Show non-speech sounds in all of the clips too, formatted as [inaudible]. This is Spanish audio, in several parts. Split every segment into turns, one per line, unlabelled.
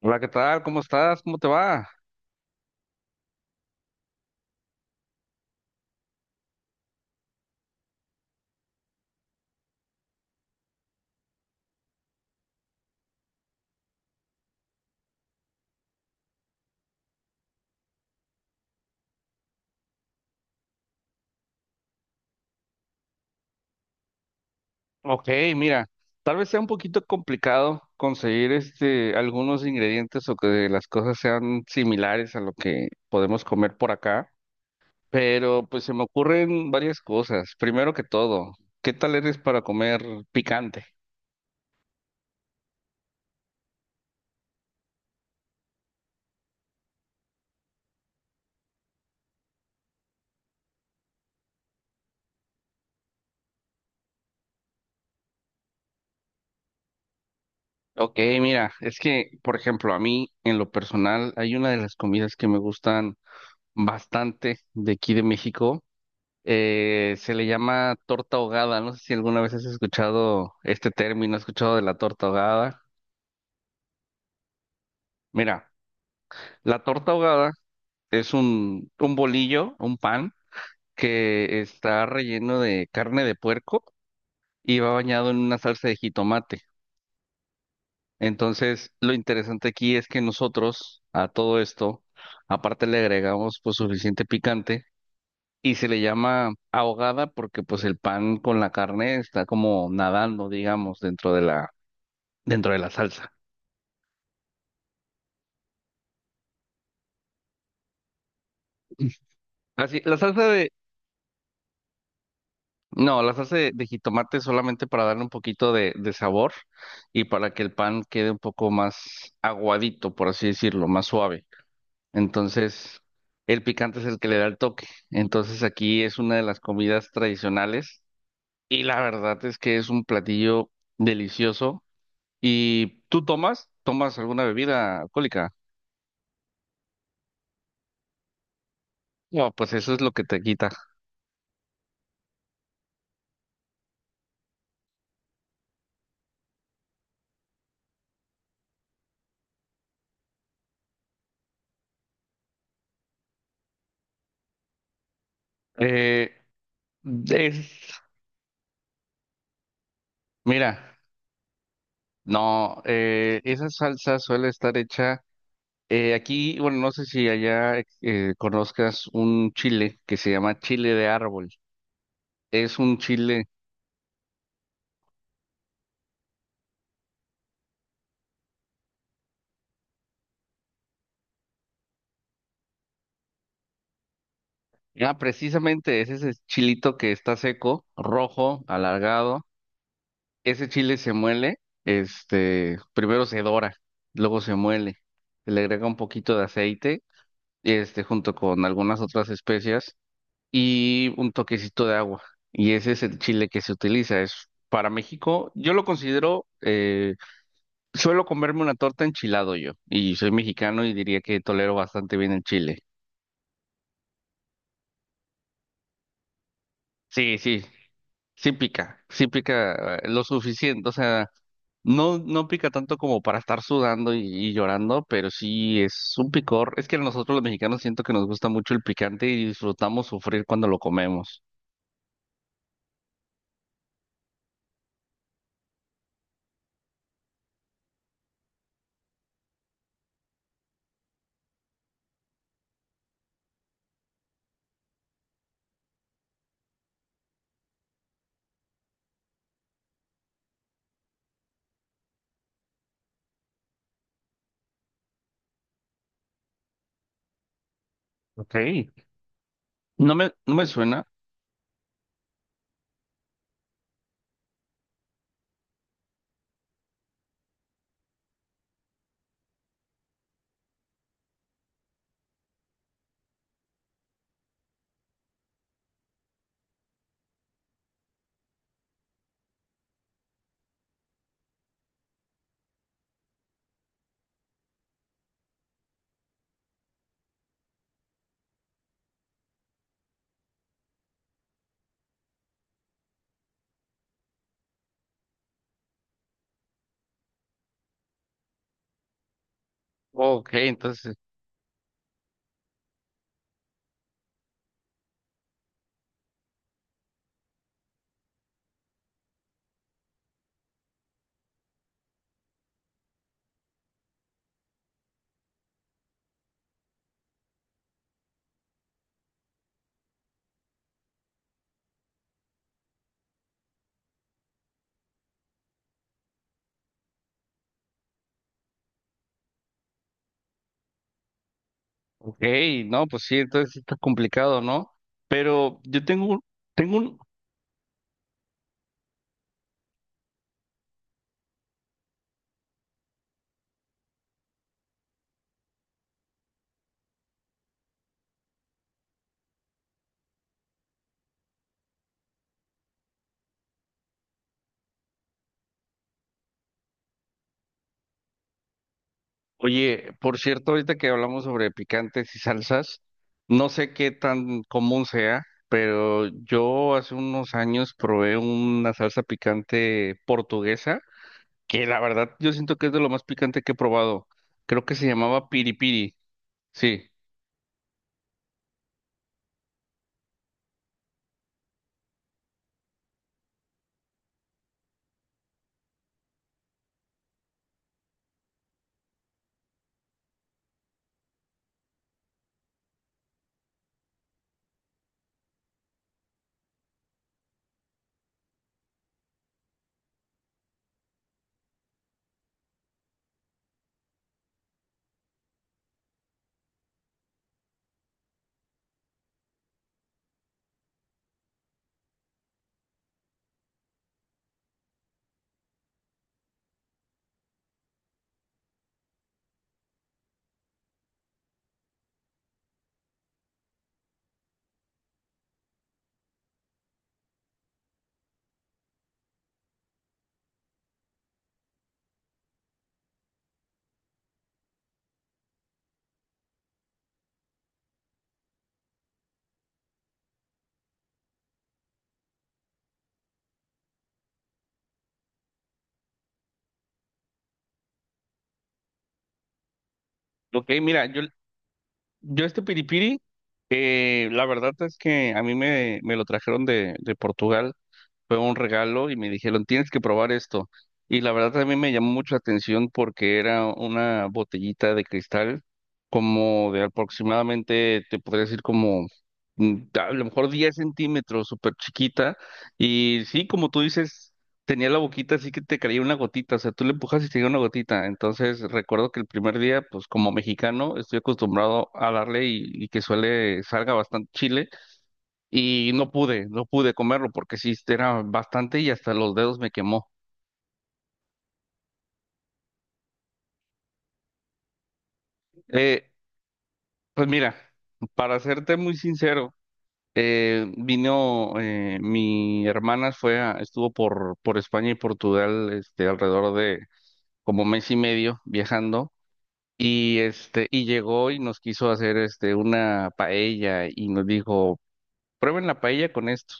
Hola, ¿qué tal? ¿Cómo estás? ¿Cómo te va? Ok, mira, tal vez sea un poquito complicado conseguir algunos ingredientes o que las cosas sean similares a lo que podemos comer por acá, pero pues se me ocurren varias cosas. Primero que todo, ¿qué tal eres para comer picante? Ok, mira, es que, por ejemplo, a mí en lo personal hay una de las comidas que me gustan bastante de aquí de México. Se le llama torta ahogada. No sé si alguna vez has escuchado este término, has escuchado de la torta ahogada. Mira, la torta ahogada es un bolillo, un pan, que está relleno de carne de puerco y va bañado en una salsa de jitomate. Entonces, lo interesante aquí es que nosotros, a todo esto, aparte le agregamos pues suficiente picante, y se le llama ahogada porque pues el pan con la carne está como nadando, digamos, dentro de la salsa. [laughs] Así, no, la salsa de jitomate es solamente para darle un poquito de sabor y para que el pan quede un poco más aguadito, por así decirlo, más suave. Entonces, el picante es el que le da el toque. Entonces, aquí es una de las comidas tradicionales y la verdad es que es un platillo delicioso. ¿Y tú tomas? ¿Tomas alguna bebida alcohólica? No, pues eso es lo que te quita. Eh, es, Mira. No, esa salsa suele estar hecha aquí, bueno, no sé si allá conozcas un chile que se llama chile de árbol. Es un chile, ah, precisamente es ese chilito que está seco, rojo, alargado. Ese chile se muele, primero se dora, luego se muele, se le agrega un poquito de aceite, junto con algunas otras especias. Y un toquecito de agua. Y ese es el chile que se utiliza. Es para México, yo lo considero, suelo comerme una torta enchilado yo, y soy mexicano y diría que tolero bastante bien el chile. Sí, sí, sí pica lo suficiente, o sea, no, no pica tanto como para estar sudando y llorando, pero sí es un picor. Es que nosotros los mexicanos siento que nos gusta mucho el picante y disfrutamos sufrir cuando lo comemos. Ok. No me suena. Ok, entonces, ok, no, pues sí, entonces sí está complicado, ¿no? Pero tengo un, oye, por cierto, ahorita que hablamos sobre picantes y salsas, no sé qué tan común sea, pero yo hace unos años probé una salsa picante portuguesa, que la verdad yo siento que es de lo más picante que he probado. Creo que se llamaba piripiri, sí. Ok, mira, yo este piripiri, la verdad es que a mí me lo trajeron de Portugal. Fue un regalo y me dijeron, tienes que probar esto. Y la verdad también me llamó mucho la atención porque era una botellita de cristal, como de aproximadamente, te podría decir como a lo mejor 10 cm, súper chiquita. Y sí, como tú dices, tenía la boquita así que te caía una gotita, o sea, tú le empujas y te caía una gotita. Entonces recuerdo que el primer día, pues como mexicano, estoy acostumbrado a darle y que suele salga bastante chile y no pude comerlo porque sí era bastante y hasta los dedos me quemó. Eh, pues mira, para serte muy sincero, vino mi hermana estuvo por España y Portugal, este, alrededor de como mes y medio viajando y este y llegó y nos quiso hacer este una paella y nos dijo, prueben la paella con esto.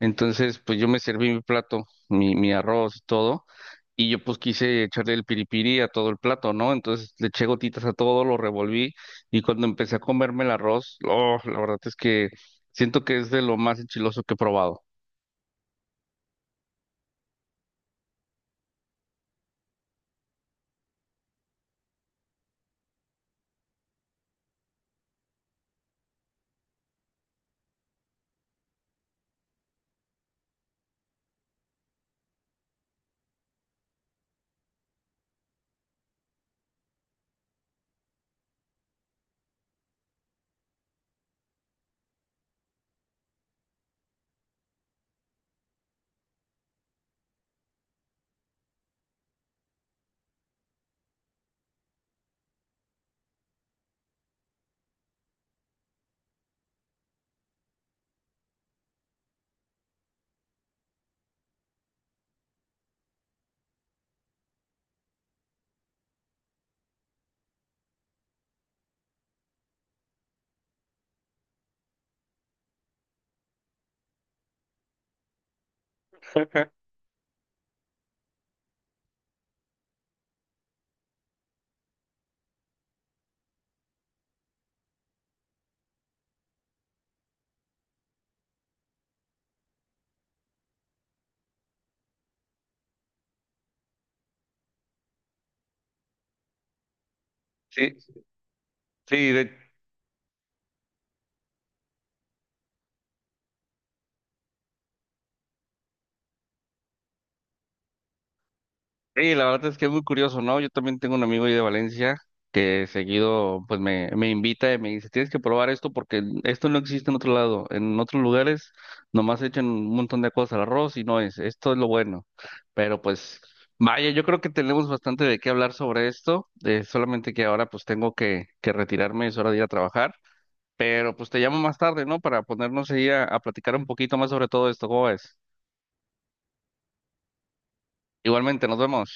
Entonces, pues yo me serví mi plato, mi arroz y todo. Y yo pues quise echarle el piripiri a todo el plato, ¿no? Entonces le eché gotitas a todo, lo revolví, y cuando empecé a comerme el arroz, oh, la verdad es que siento que es de lo más enchiloso que he probado. [laughs] Sí, sí, de, sí, la verdad es que es muy curioso, ¿no? Yo también tengo un amigo ahí de Valencia que seguido pues me invita y me dice, tienes que probar esto porque esto no existe en otro lado. En otros lugares nomás echan un montón de cosas al arroz y no es, esto es lo bueno. Pero pues vaya, yo creo que tenemos bastante de qué hablar sobre esto, solamente que ahora pues tengo que retirarme, es hora de ir a trabajar, pero pues te llamo más tarde, ¿no? Para ponernos ahí a platicar un poquito más sobre todo esto, ¿cómo es? Igualmente, nos vemos.